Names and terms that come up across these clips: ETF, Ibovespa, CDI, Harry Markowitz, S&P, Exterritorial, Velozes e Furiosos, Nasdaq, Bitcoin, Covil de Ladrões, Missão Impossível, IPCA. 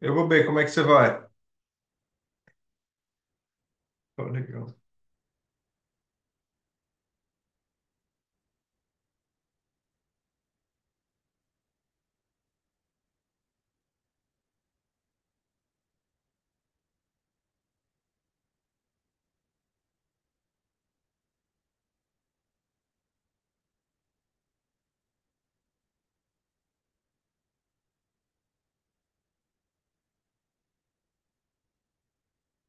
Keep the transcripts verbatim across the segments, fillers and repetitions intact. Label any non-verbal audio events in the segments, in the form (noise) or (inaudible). Eu vou bem, como é que você vai? Tá legal.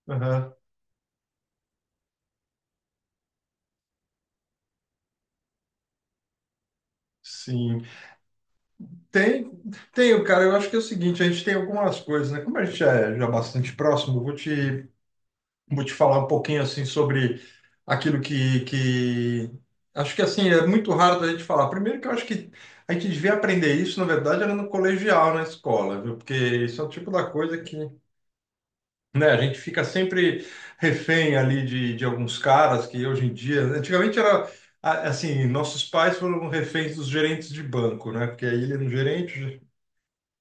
Aham, sim. Tem, tem, cara, eu acho que é o seguinte, a gente tem algumas coisas, né? Como a gente é já bastante próximo, eu vou te, vou te falar um pouquinho, assim, sobre aquilo que, que... Acho que, assim, é muito raro da gente falar. Primeiro que eu acho que a gente devia aprender isso, na verdade, era no colegial, na escola, viu? Porque isso é o tipo da coisa que, né? A gente fica sempre refém ali de, de alguns caras que hoje em dia, antigamente era a- assim, nossos pais foram reféns dos gerentes de banco, né? Porque aí ele era um gerente.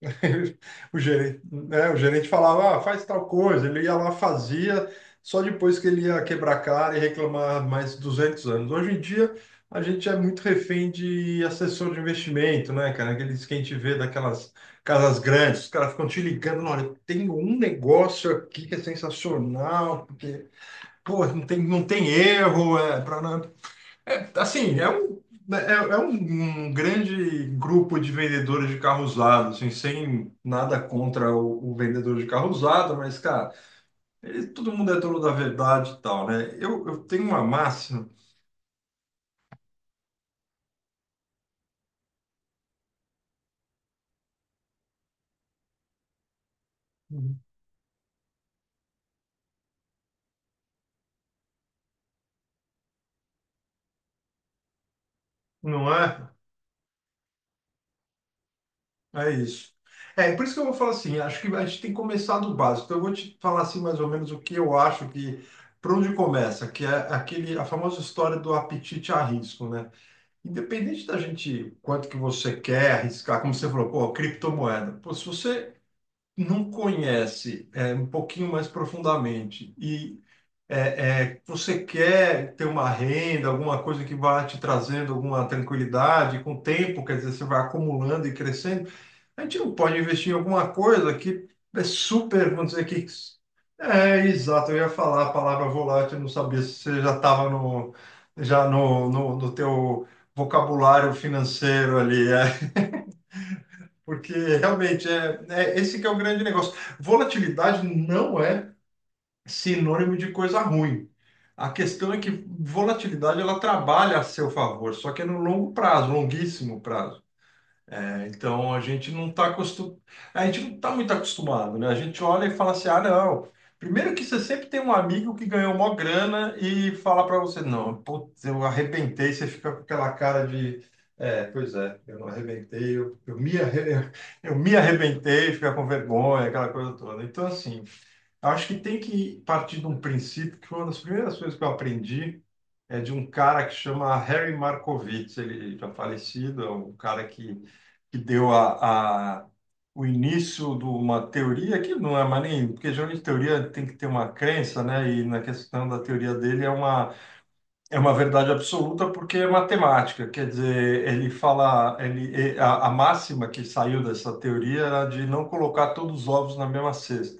(laughs) O gerente, né, o gerente falava, ah, faz tal coisa, ele ia lá, fazia, só depois que ele ia quebrar a cara e reclamar mais duzentos anos. Hoje em dia, a gente é muito refém de assessor de investimento, né, cara? Aqueles que a gente vê daquelas casas grandes, os caras ficam te ligando, olha, tem um negócio aqui que é sensacional, porque, pô, não tem, não tem erro, é, para é, assim, é um, né, é, é um, um grande grupo de vendedores de carro usado, assim, sem nada contra o, o vendedor de carro usado, mas, cara, ele- todo mundo é dono da verdade e tal, né? Eu, eu tenho uma máxima, não é? É isso. É, por isso que eu vou falar assim, acho que a gente tem que começar do básico. Então, eu vou te falar assim mais ou menos o que eu acho que, por onde começa, que é aquele, a famosa história do apetite a risco, né? Independente da gente, quanto que você quer arriscar, como você falou, pô, criptomoeda. Pô, se você não conhece, é, um pouquinho mais profundamente e é, é, você quer ter uma renda, alguma coisa que vá te trazendo alguma tranquilidade, com o tempo, quer dizer, você vai acumulando e crescendo. A gente não pode investir em alguma coisa que é super, vamos dizer que. É, exato, eu ia falar a palavra volátil, eu não sabia se você já estava no, já no, no, no teu vocabulário financeiro ali, é. Porque realmente é, é esse que é o grande negócio. Volatilidade não é sinônimo de coisa ruim. A questão é que volatilidade ela trabalha a seu favor, só que é no longo prazo, longuíssimo prazo. É, então a gente não está acostum... a gente não tá muito acostumado, né? A gente olha e fala assim, ah, não. Primeiro que você sempre tem um amigo que ganhou mó grana e fala para você, não, putz, eu arrebentei, você fica com aquela cara de, é, pois é, eu não arrebentei, eu, eu me arre... (laughs) eu me arrebentei, fica com vergonha, aquela coisa toda. Então, assim, eu acho que tem que partir de um princípio que foi uma das primeiras coisas que eu aprendi, é de um cara que chama Harry Markowitz, ele já falecido, é um cara que, que deu a, a, o início de uma teoria que não é mais nem, porque geralmente teoria tem que ter uma crença, né? E na questão da teoria dele é uma, é uma verdade absoluta porque é matemática, quer dizer, ele fala, ele, e- a, a máxima que saiu dessa teoria era de não colocar todos os ovos na mesma cesta.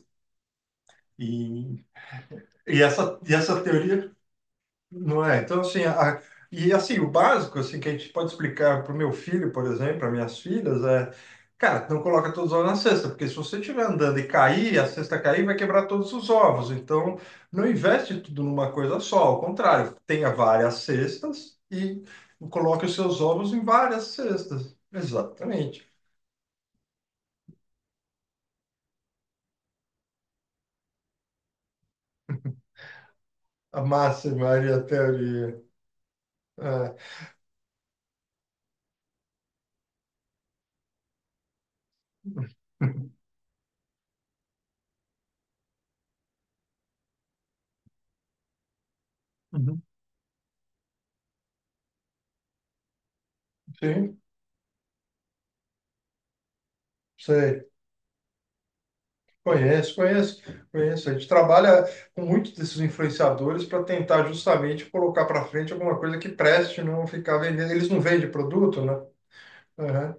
E e essa, e essa teoria, não é? Então, assim, a, e assim, o básico, assim, que a gente pode explicar para o meu filho, por exemplo, para minhas filhas, é, cara, não coloca todos os ovos na cesta, porque se você estiver andando e cair, a cesta cair, vai quebrar todos os ovos. Então, não investe tudo numa coisa só, ao contrário, tenha várias cestas e coloque os seus ovos em várias cestas. Exatamente. A máxima e a teoria. É. Uhum. (laughs) Sim, sei. Conhece, conhece, conhece. A gente trabalha com muitos desses influenciadores para tentar justamente colocar para frente alguma coisa que preste, não ficar vendendo. Eles não vendem produto, né? Aham.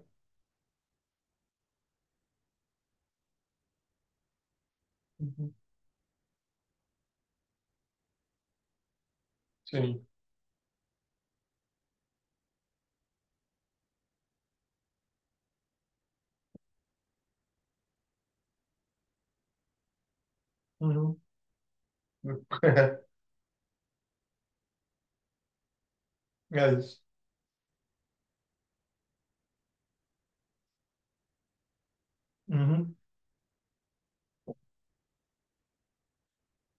Uhum. Sim. Uhum. (laughs) É isso. Uhum.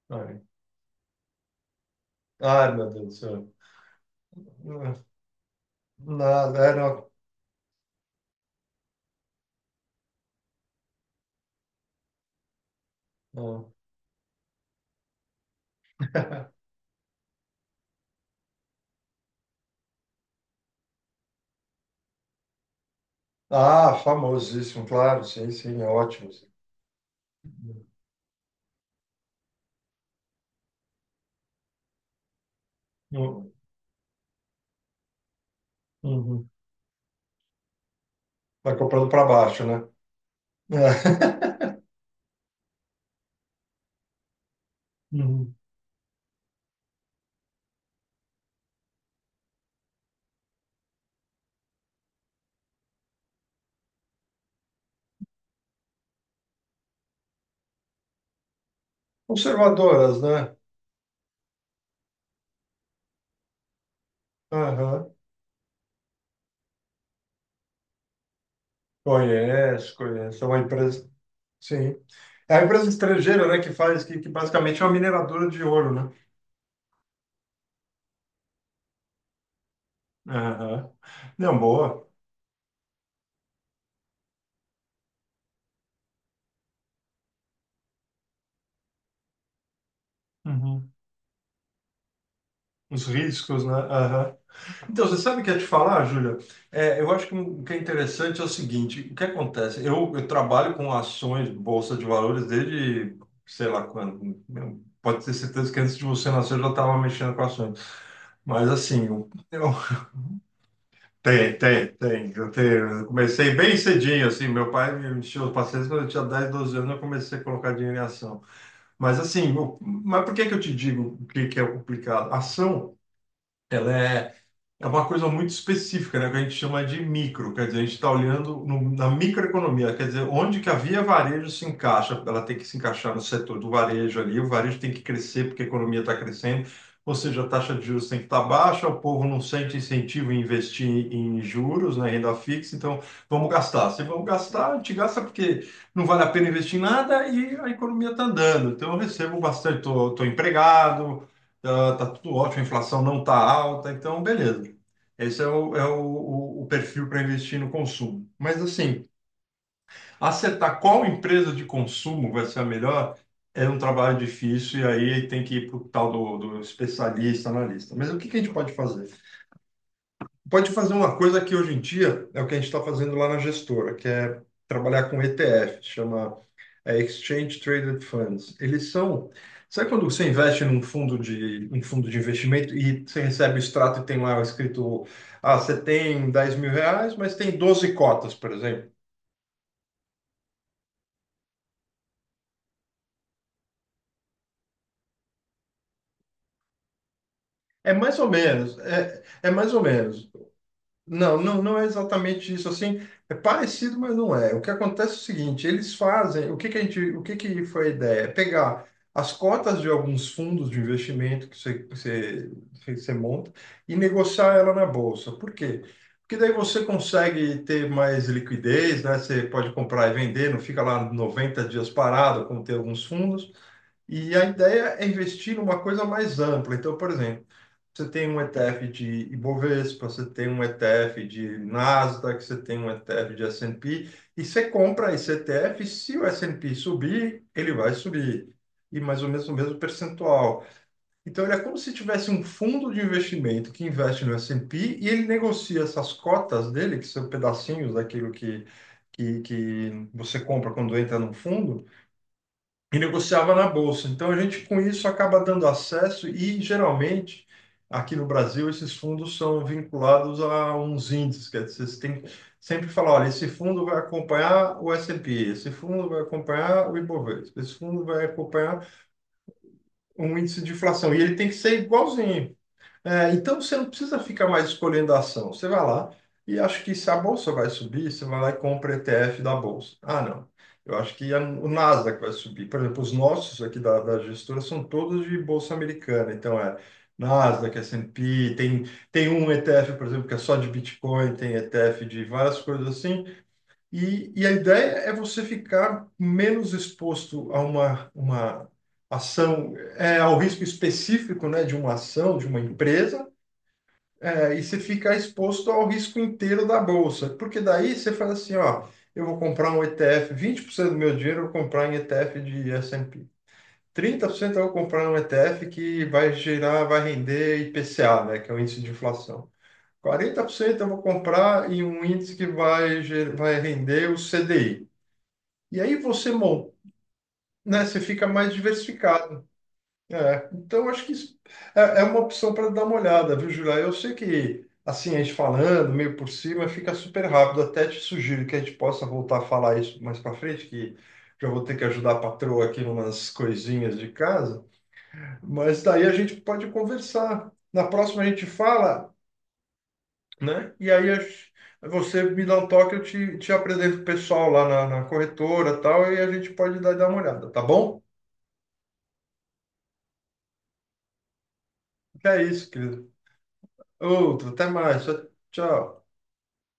Ai, ai, meu Deus do céu. Não, nada, é, não. Não. Ah, famosíssimo, claro, sim, sim, é ótimo. Sim. Uhum. Uhum. Vai comprando para baixo, né? É. (laughs) Uhum. Conservadoras, né? Aham. Conheço, conheço. É uma empresa. Sim. É uma empresa estrangeira, né, que faz, que, que basicamente é uma mineradora de ouro, né? Aham. Não, boa. Uhum. Os riscos, né? Aham. Então, você sabe o que eu ia te falar, Júlia? É, eu acho que um, o que é interessante é o seguinte: o que acontece? Eu, eu trabalho com ações, bolsa de valores, desde sei lá quando. Meu, pode ter certeza que antes de você nascer eu já estava mexendo com ações. Mas, assim, o- tem, tem, tem. Eu, te- eu comecei bem cedinho, assim. Meu pai me encheu os pacientes quando eu tinha dez doze anos, eu comecei a colocar dinheiro em ação. Mas assim, o- mas por que que eu te digo o que que é complicado? Ação, ela é é uma coisa muito específica, né, que a gente chama de micro, quer dizer, a gente está olhando no- na microeconomia, quer dizer, onde que a via varejo se encaixa, ela tem que se encaixar no setor do varejo ali, o varejo tem que crescer porque a economia está crescendo, ou seja, a taxa de juros tem que estar baixa, o povo não sente incentivo em investir em juros, né, renda fixa, então vamos gastar. Se vamos gastar, a gente gasta porque não vale a pena investir em nada e a economia está andando, então eu recebo bastante, estou empregado, está tudo ótimo, a inflação não está alta, então beleza. Esse é o, é o, o- o perfil para investir no consumo. Mas, assim, acertar qual empresa de consumo vai ser a melhor é um trabalho difícil e aí tem que ir para o tal do, do especialista, analista. Mas o que que a gente pode fazer? Pode fazer uma coisa que hoje em dia é o que a gente está fazendo lá na gestora, que é trabalhar com E T F, chama é Exchange Traded Funds. Eles são. Sabe quando você investe num fundo de, um fundo de investimento e você recebe o extrato e tem lá escrito: ah, você tem dez mil reais, mas tem doze cotas, por exemplo? É mais ou menos. É, é mais ou menos. Não, não, não é exatamente isso assim. É parecido, mas não é. O que acontece é o seguinte, eles fazem, o que que a gente, o que que foi a ideia? É pegar as cotas de alguns fundos de investimento que você, que você, que você monta e negociar ela na bolsa. Por quê? Porque daí você consegue ter mais liquidez, né? Você pode comprar e vender, não fica lá noventa dias parado, como tem alguns fundos. E a ideia é investir numa coisa mais ampla. Então, por exemplo, você tem um E T F de Ibovespa, você tem um E T F de Nasdaq, você tem um E T F de S e P, e você compra esse E T F, se o S e P subir, ele vai subir, e mais ou menos o mesmo percentual. Então, ele é como se tivesse um fundo de investimento que investe no S e P e ele negocia essas cotas dele, que são pedacinhos daquilo que, que, que você compra quando entra num fundo, e negociava na bolsa. Então a gente com isso acaba dando acesso e geralmente aqui no Brasil esses fundos são vinculados a uns índices, quer dizer, você tem que sempre falar, olha, esse fundo vai acompanhar o S e P, esse fundo vai acompanhar o Ibovespa, esse fundo vai acompanhar um índice de inflação e ele tem que ser igualzinho. É, então você não precisa ficar mais escolhendo a ação. Você vai lá e acho que se a bolsa vai subir, você vai lá e compra E T F da bolsa. Ah, não. Eu acho que é o Nasdaq vai subir. Por exemplo, os nossos aqui da, da gestora são todos de bolsa americana. Então é Nasdaq, S e P, tem, tem um E T F, por exemplo, que é só de Bitcoin, tem E T F de várias coisas assim. E, e a ideia é você ficar menos exposto a uma, uma ação, é, ao risco específico, né, de uma ação, de uma empresa, é, e você fica exposto ao risco inteiro da bolsa, porque daí você faz assim, ó, eu vou comprar um E T F, cento do meu dinheiro eu vou comprar em E T F de S e P, cento eu vou comprar um E T F que vai gerar, vai render I P C A, né, que é o índice de inflação. Quarenta por cento eu vou comprar em um índice que vai, ger- vai render o C D I. E aí você, mon-, né, você fica mais diversificado. É, então acho que isso é, é uma opção para dar uma olhada, viu, Julia? Eu sei que assim a gente falando meio por cima fica super rápido. Até te sugiro que a gente possa voltar a falar isso mais para frente, que já vou ter que ajudar a patroa aqui numas coisinhas de casa. Mas daí a gente pode conversar. Na próxima a gente fala, né? E aí a gente- você me dá um toque, eu te, te apresento o pessoal lá na, na corretora e tal, e a gente pode dar, dar uma olhada, tá bom? É isso, querido. Outro, até mais. Tchau.